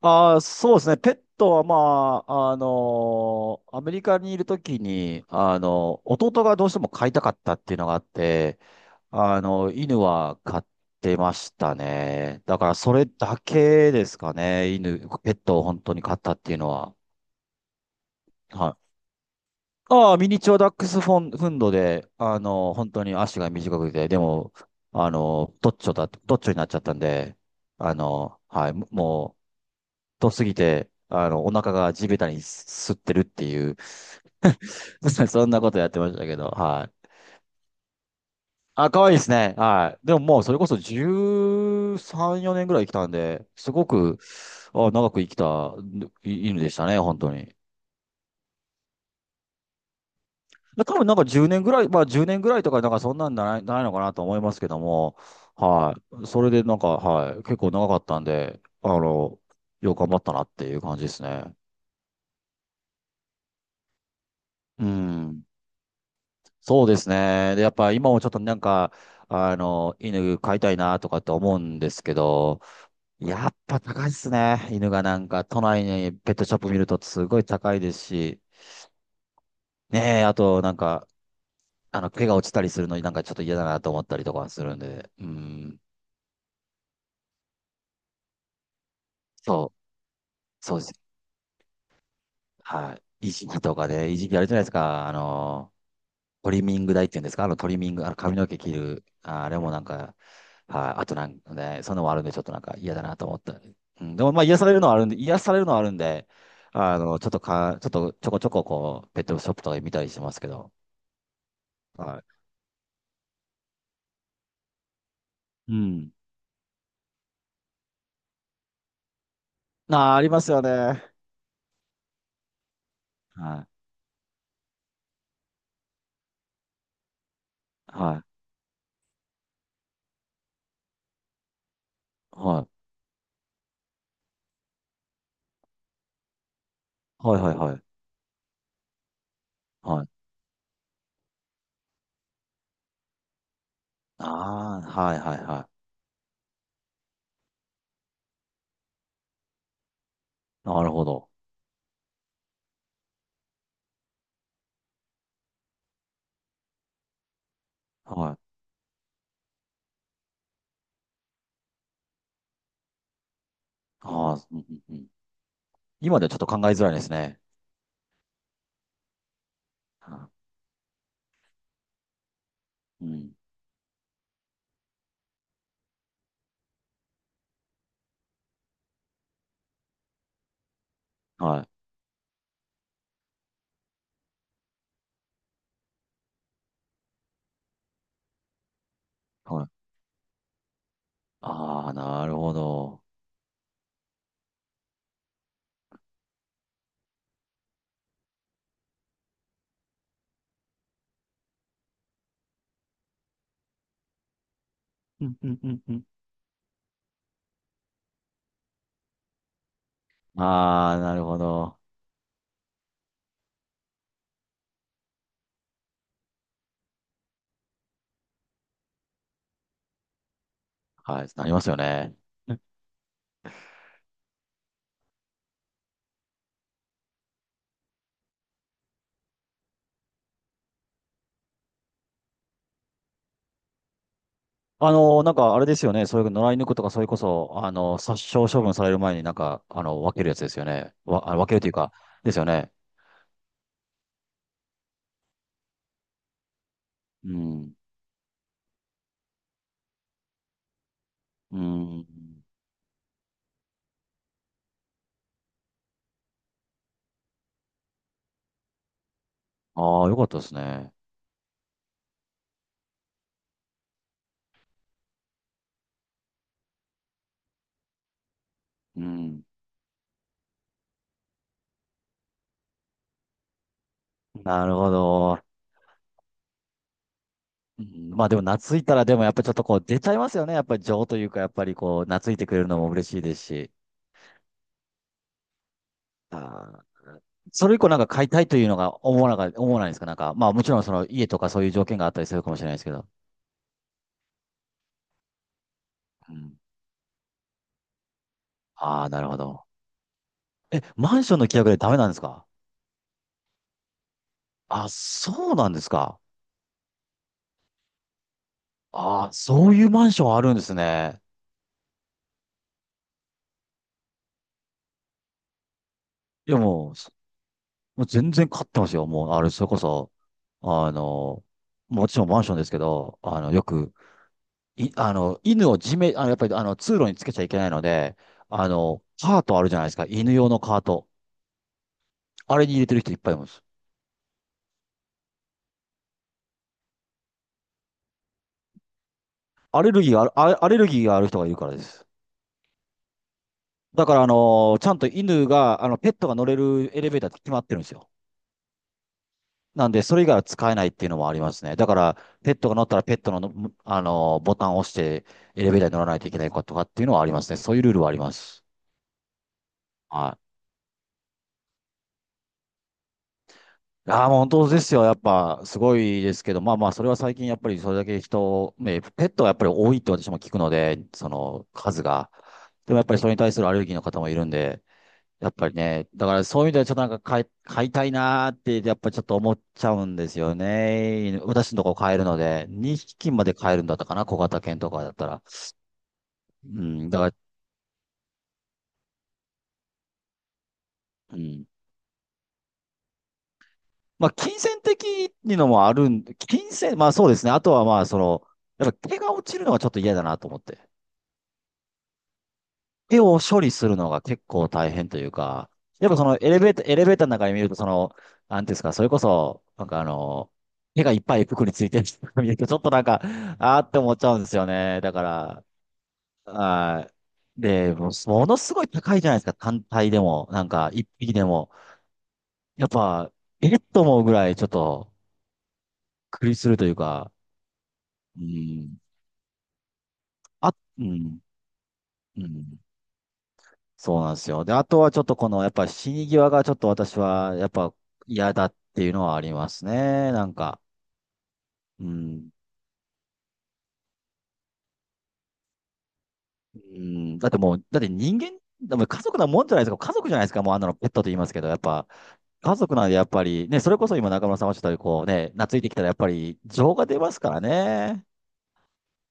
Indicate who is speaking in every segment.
Speaker 1: ああ、そうですね。ペットは、アメリカにいるときに、弟がどうしても飼いたかったっていうのがあって、犬は飼ってましたね。だから、それだけですかね。犬、ペットを本当に飼ったっていうのは。はい。ああ、ミニチュアダックスフォン、フンドで、本当に足が短くて、でも、どっちょになっちゃったんで、はい、もう、とすぎて、お腹が地べたにす吸ってるっていう、そんなことやってましたけど、はい。あ、可愛いですね。はい。でももうそれこそ十三四年ぐらい生きたんで、すごく、あ、長く生きたい犬でしたね、本当に。多分なんか10年ぐらい、まあ10年ぐらいとかなんかそんなんじゃない、ないのかなと思いますけども、はい。それでなんか、はい。結構長かったんで、よく頑張ったなっていう感じですね。うん。そうですね。で、やっぱ今もちょっとなんか、犬飼いたいなとかって思うんですけど、やっぱ高いっすね。犬がなんか、都内にペットショップ見るとすごい高いですし、ねえ、あとなんか、毛が落ちたりするのになんかちょっと嫌だなと思ったりとかするんで、うん、そう、そうです。はい。いじりとかね、いじりあるじゃないですか、トリミング台っていうんですか、あのトリミング、あの髪の毛切る、あ、あれもなんか、はい、あとなんかね、そんなのもあるんで、ちょっとなんか嫌だなと思ったり。うん、でもまあ癒されるのはあるんで、癒されるのはあるんで、ちょっとちょこちょここう、ペットショップとかで見たりしますけど、はい。うん。ああ、ありますよね。はい。はい。はい。はいはいはい。はい。ああ、はいはいはい。なるほど。はい。ああ、うんうんうん。今ではちょっと考えづらいですね。はいうん。はい。はいああ、なるほど。うんうんうんうん。ああ、なるほど。はい、なりますよね。なんかあれですよね。そういう野良犬とか、それこそ、殺傷処分される前になんか、分けるやつですよね。わ、あ分けるというか、ですよね。うん。うん。ああ、よかったですね。うん。なるほど。うんまあでも懐いたらでもやっぱりちょっとこう出ちゃいますよね。やっぱり情というか、やっぱりこう懐いてくれるのも嬉しいですし。ああ。それ以降なんか買いたいというのが思わないですかなんか、まあもちろんその家とかそういう条件があったりするかもしれないですけど。うん。ああ、なるほど。え、マンションの規約でダメなんですか？あ、そうなんですか。ああ、そういうマンションあるんですね。いやもう、そもう全然買ってますよ。もう、あれ、それこそ、あの、もちろんマンションですけど、よく、い、犬を地面、やっぱり、通路につけちゃいけないので、カートあるじゃないですか。犬用のカート。あれに入れてる人いっぱいいます。アレルギーがある人がいるからです。だから、ちゃんと犬が、ペットが乗れるエレベーターって決まってるんですよ。なんで、それ以外は使えないっていうのもありますね。だから、ペットが乗ったらペットのの、ボタンを押して、エレベーターに乗らないといけないかとかっていうのはありますね。そういうルールはあります。はい。ああ、もう本当ですよ。やっぱ、すごいですけど、まあまあ、それは最近、やっぱりそれだけ人、ね、ペットはやっぱり多いって私も聞くので、その数が。でもやっぱりそれに対するアレルギーの方もいるんで、やっぱりね、だからそういう意味ではちょっとなんか買いたいなーって、やっぱちょっと思っちゃうんですよね。私のとこ買えるので、2匹まで買えるんだったかな、小型犬とかだったら。うん、だから、うん。まあ、金銭的にのもあるん、金銭、まあそうですね。あとはまあ、その、やっぱ毛が落ちるのがちょっと嫌だなと思って。手を処理するのが結構大変というか、やっぱそのエレベーターの中に見ると、その、なんていうんですか、それこそ、なんかあの、手がいっぱい服についてる人が見ると、ちょっとなんか、あーって思っちゃうんですよね。だから、はい。で、もうものすごい高いじゃないですか、単体でも、なんか、一匹でも。やっぱ、えっと思うぐらい、ちょっと、苦りするというか、うん、あ、うん、うん。そうなんですよ。で、あとはちょっとこの、やっぱ死に際がちょっと私は、やっぱ嫌だっていうのはありますね。なんか、うん、うん、だってもう、だって人間、でも家族なもんじゃないですか。家族じゃないですか。もうあんなのペットと言いますけど、やっぱ家族なんでやっぱり、ね、それこそ今中村さんおっしゃったようにこうね、懐いてきたらやっぱり情が出ますからね。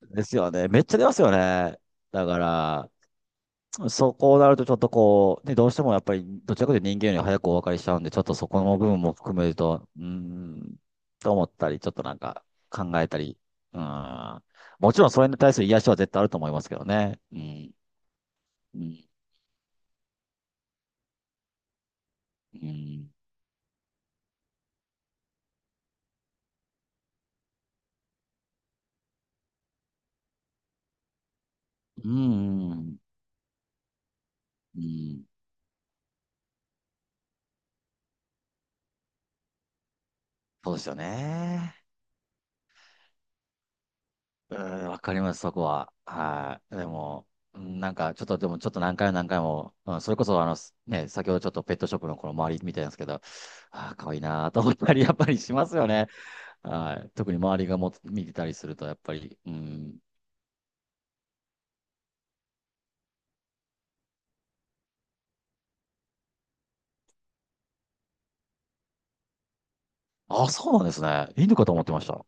Speaker 1: ですよね。めっちゃ出ますよね。だから、そこうなるとちょっとこう、ね、どうしてもやっぱりどちらかというと人間より早くお別れしちゃうんで、ちょっとそこの部分も含めると、うーん、と思ったり、ちょっとなんか考えたり、うーん。もちろんそれに対する癒しは絶対あると思いますけどね。うん、うん、うん、うん、うんそうですよね。うん、わかります、そこは。はい。でも、うんなんか、ちょっと、でも、ちょっと何回も何回も、うん、それこそ、すね、先ほどちょっとペットショップのこの周りみたいなんですけど、ああ、かわいいなーと思ったり、やっぱりしますよね。はい。特に周りがも見てたりすると、やっぱり、うん。ああ、そうなんですね。犬かと思ってました。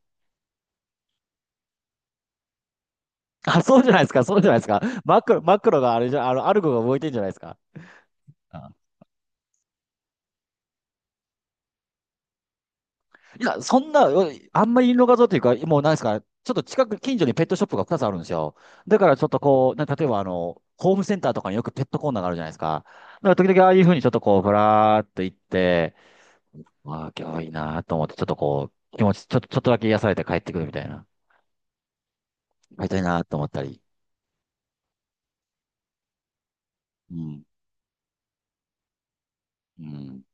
Speaker 1: あ、そうじゃないですか、そうじゃないですか。マクロがあれじゃ、アルゴが動いてんじゃないですか。いや、そんな、うあんまりイ画像というか、もうなんですか、ちょっと近く、近所にペットショップが2つあるんですよ。だからちょっとこう、な例えばあの、ホームセンターとかによくペットコーナーがあるじゃないですか。だから時々ああいうふうにちょっとこう、ぶらーっと行って、わあ、今日いいなーと思って、ちょっとこう、気持ち、ちょっと、ちょっとだけ癒されて帰ってくるみたいな。帰りたいなーと思ったり。うん。うん。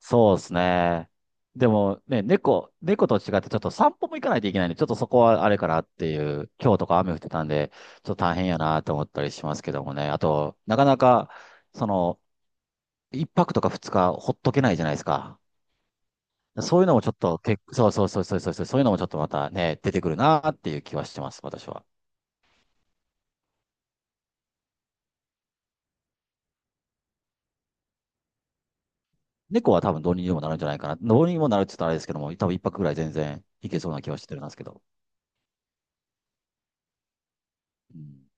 Speaker 1: そうですね。でもね、猫、猫と違ってちょっと散歩も行かないといけないんで、ちょっとそこはあれかなっていう、今日とか雨降ってたんで、ちょっと大変やなと思ったりしますけどもね。あと、なかなか、その、一泊とか二日ほっとけないじゃないですか。そういうのもちょっと、け、そうそうそうそうそうそう、そういうのもちょっとまたね、出てくるなっていう気はしてます、私は。猫は多分どうにでもなるんじゃないかな。どうにもなるって言ったらあれですけども、多分一泊ぐらい全然いけそうな気はしてるんですけど。うん